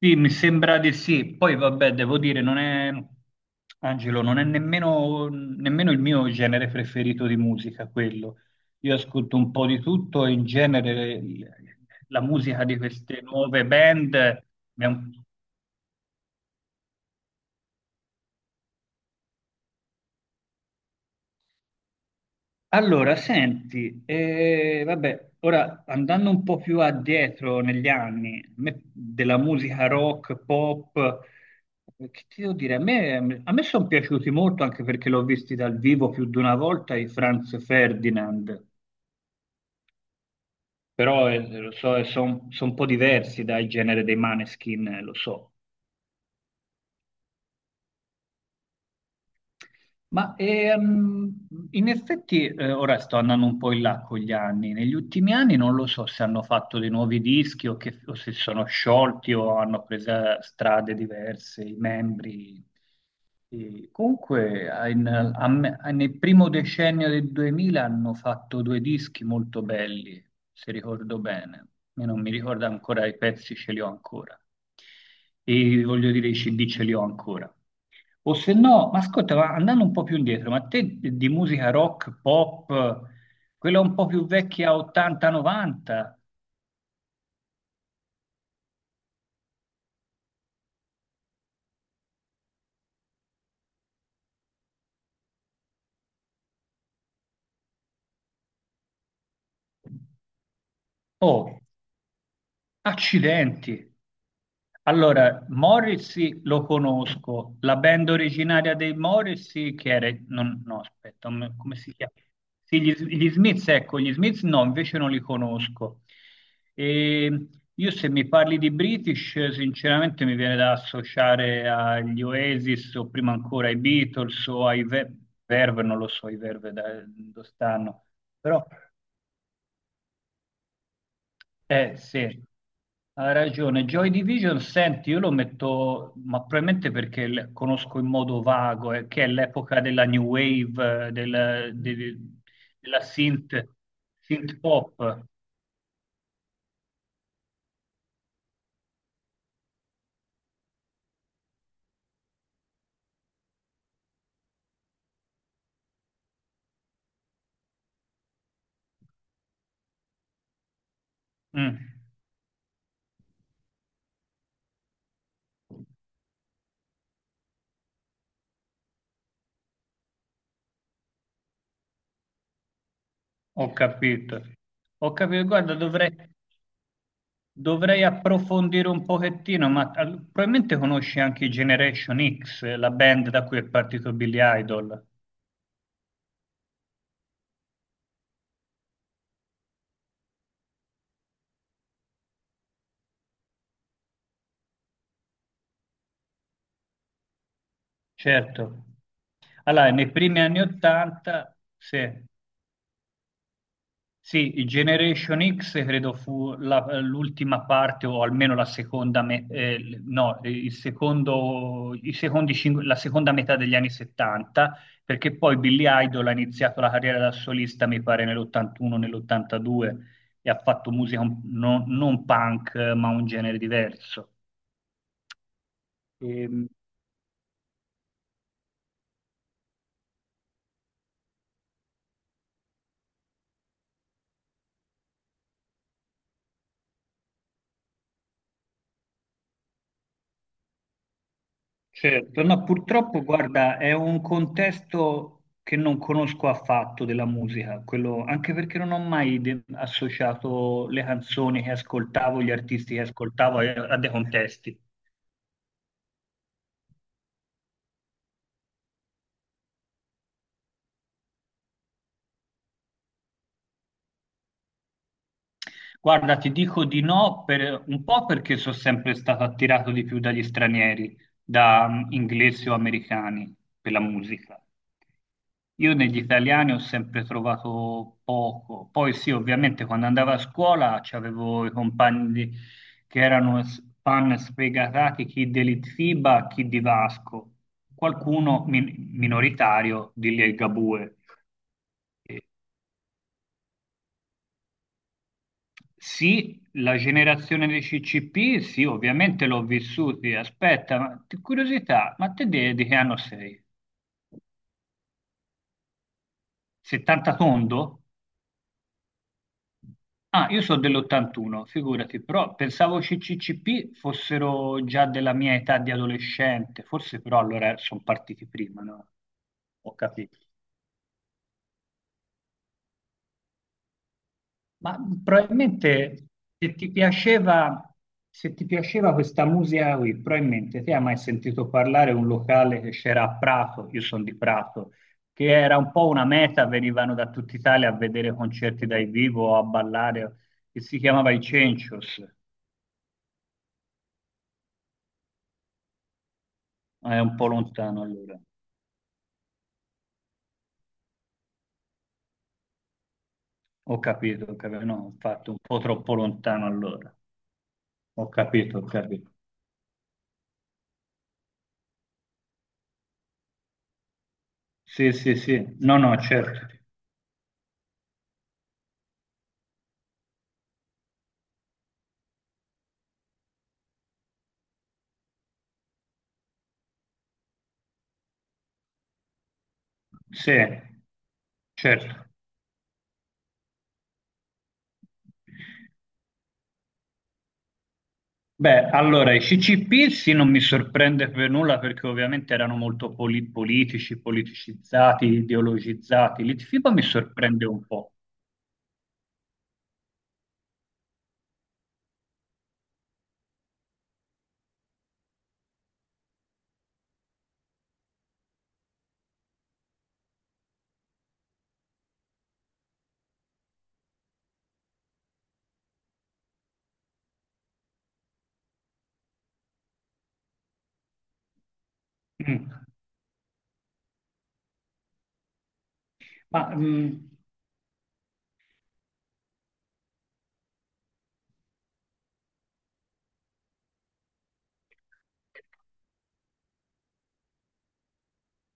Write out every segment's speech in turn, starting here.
Sì, mi sembra di sì. Poi vabbè, devo dire, non è, Angelo, non è nemmeno, nemmeno il mio genere preferito di musica quello. Io ascolto un po' di tutto e in genere la musica di queste nuove band mi ha, un allora, senti, vabbè, ora andando un po' più addietro negli anni, a me della musica rock, pop, che ti devo dire, a me sono piaciuti molto anche perché l'ho visti dal vivo più di una volta i Franz Ferdinand, però lo so, sono un po' diversi dal genere dei Maneskin, lo so. Ma in effetti ora sto andando un po' in là con gli anni. Negli ultimi anni non lo so se hanno fatto dei nuovi dischi o, o se sono sciolti o hanno preso strade diverse i membri. E comunque nel primo decennio del 2000 hanno fatto due dischi molto belli, se ricordo bene. Io non mi ricordo ancora i pezzi, ce li ho ancora. E voglio dire, i CD ce li ho ancora. O se no, ma ascolta, ma andando un po' più indietro, ma te di musica rock, pop, quella un po' più vecchia, 80-90? Oh. Accidenti. Allora, Morrissey lo conosco, la band originaria dei Morrissey che era... no, aspetta, come si chiama? Sì, gli Smiths, ecco, gli Smiths no, invece non li conosco. E io se mi parli di British, sinceramente mi viene da associare agli Oasis o prima ancora ai Beatles o ai Verve, non lo so, i Verve da dove stanno, però... Eh sì, hai ragione. Joy Division, senti, io lo metto, ma probabilmente perché conosco in modo vago, che è l'epoca della new wave, della synth, synth pop. Mm, ho capito. Ho capito, guarda, dovrei, dovrei approfondire un pochettino, ma probabilmente conosci anche i Generation X, la band da cui è partito Billy Idol. Certo. Allora, nei primi anni 80, sì. Sì, i Generation X credo fu l'ultima parte o almeno la seconda, me- no, il secondo, i secondi cin- la seconda metà degli anni 70, perché poi Billy Idol ha iniziato la carriera da solista, mi pare, nell'81, nell'82 e ha fatto musica non punk, ma un genere diverso. Ehm, Certo, no, purtroppo, guarda, è un contesto che non conosco affatto della musica, quello, anche perché non ho mai associato le canzoni che ascoltavo, gli artisti che ascoltavo a dei contesti. Guarda, ti dico di no per un po' perché sono sempre stato attirato di più dagli stranieri, da inglesi o americani per la musica. Io negli italiani ho sempre trovato poco. Poi sì, ovviamente quando andavo a scuola c'avevo i che erano fan sfegatati, chi dell'Itfiba, chi di Vasco, qualcuno minoritario di Ligabue. Sì, la generazione dei CCP, sì, ovviamente l'ho vissuti. Aspetta, ma curiosità, ma di, che anno sei? 70 tondo? Ah, io sono dell'81, figurati, però pensavo CCCP fossero già della mia età di adolescente, forse però allora sono partiti prima, no? Ho capito. Ma probabilmente se ti piaceva, se ti piaceva questa musica qui, probabilmente ti hai mai sentito parlare di un locale che c'era a Prato, io sono di Prato, che era un po' una meta, venivano da tutta Italia a vedere concerti dal vivo o a ballare, che si chiamava I Cencios, ma è un po' lontano allora. Ho capito, no, infatti un po' troppo lontano allora. Ho capito, ho capito. Sì, sì, sì, no, no, certo. Sì, certo. Beh, allora, i CCP sì, non mi sorprende per nulla perché ovviamente erano molto politici, politicizzati, ideologizzati. L'ITFIBA mi sorprende un po'. Mm. Ma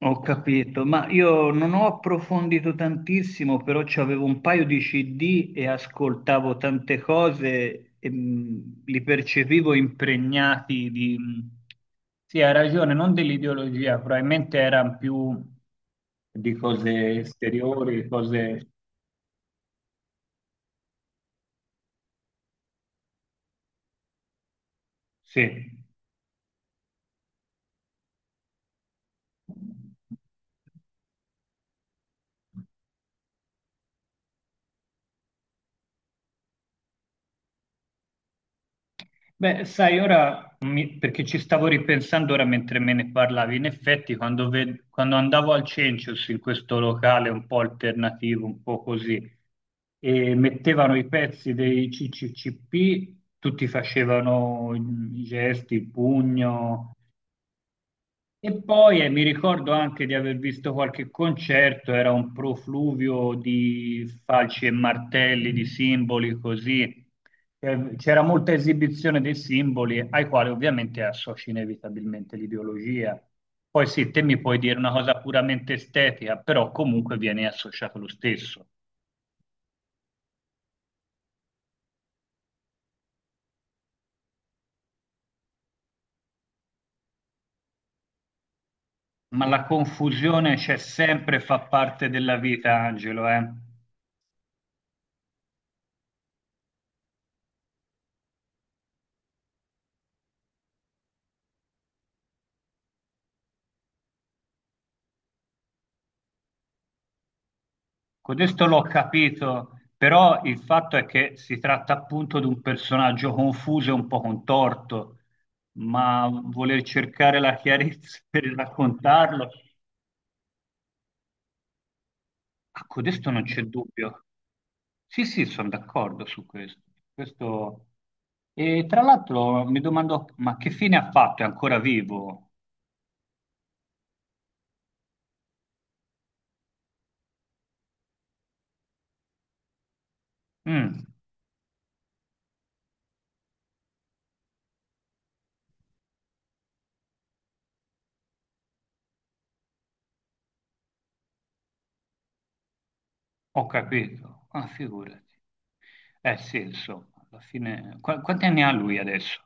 ho capito, ma io non ho approfondito tantissimo, però avevo un paio di CD e ascoltavo tante cose e li percepivo impregnati di... sì, hai ragione, non dell'ideologia, probabilmente erano più di cose esteriori, cose... Sì. Beh, sai, ora perché ci stavo ripensando ora mentre me ne parlavi, in effetti quando, quando andavo al Cencius in questo locale un po' alternativo, un po' così, e mettevano i pezzi dei CCCP, tutti facevano i gesti, il pugno, e poi mi ricordo anche di aver visto qualche concerto, era un profluvio di falci e martelli, di simboli così. C'era molta esibizione dei simboli ai quali ovviamente associ inevitabilmente l'ideologia. Poi sì, te mi puoi dire una cosa puramente estetica, però comunque viene associato lo stesso. Ma la confusione c'è sempre, fa parte della vita, Angelo, eh. Questo l'ho capito, però il fatto è che si tratta appunto di un personaggio confuso e un po' contorto, ma voler cercare la chiarezza per raccontarlo, a codesto non c'è dubbio. Sì, sì, sono d'accordo su questo. Questo... e tra l'altro mi domando, ma che fine ha fatto? È ancora vivo? Mm, ho capito. Ah, figurati. Eh sì, insomma, alla fine... quanti anni ha lui adesso?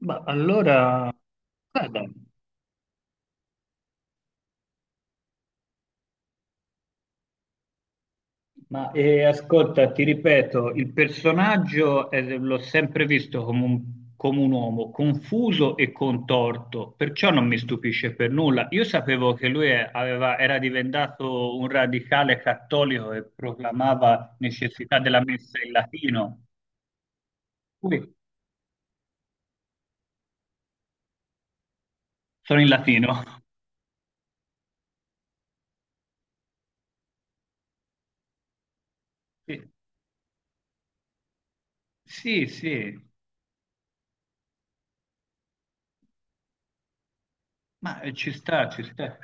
Ma allora, guarda, ma ascolta, ti ripeto, il personaggio l'ho sempre visto come un uomo confuso e contorto, perciò non mi stupisce per nulla. Io sapevo che era diventato un radicale cattolico e proclamava necessità della messa in latino. Ui, sono in latino. Sì, sì, sì, ma ci sta, ci sta.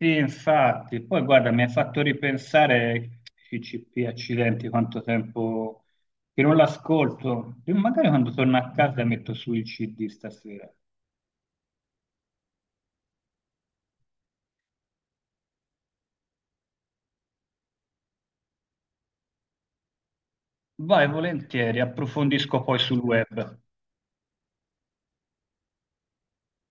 Sì, infatti, poi guarda, mi ha fatto ripensare CCP, accidenti, quanto tempo che non l'ascolto. Io magari quando torno a casa metto su il CD stasera. Vai, volentieri, approfondisco poi sul web.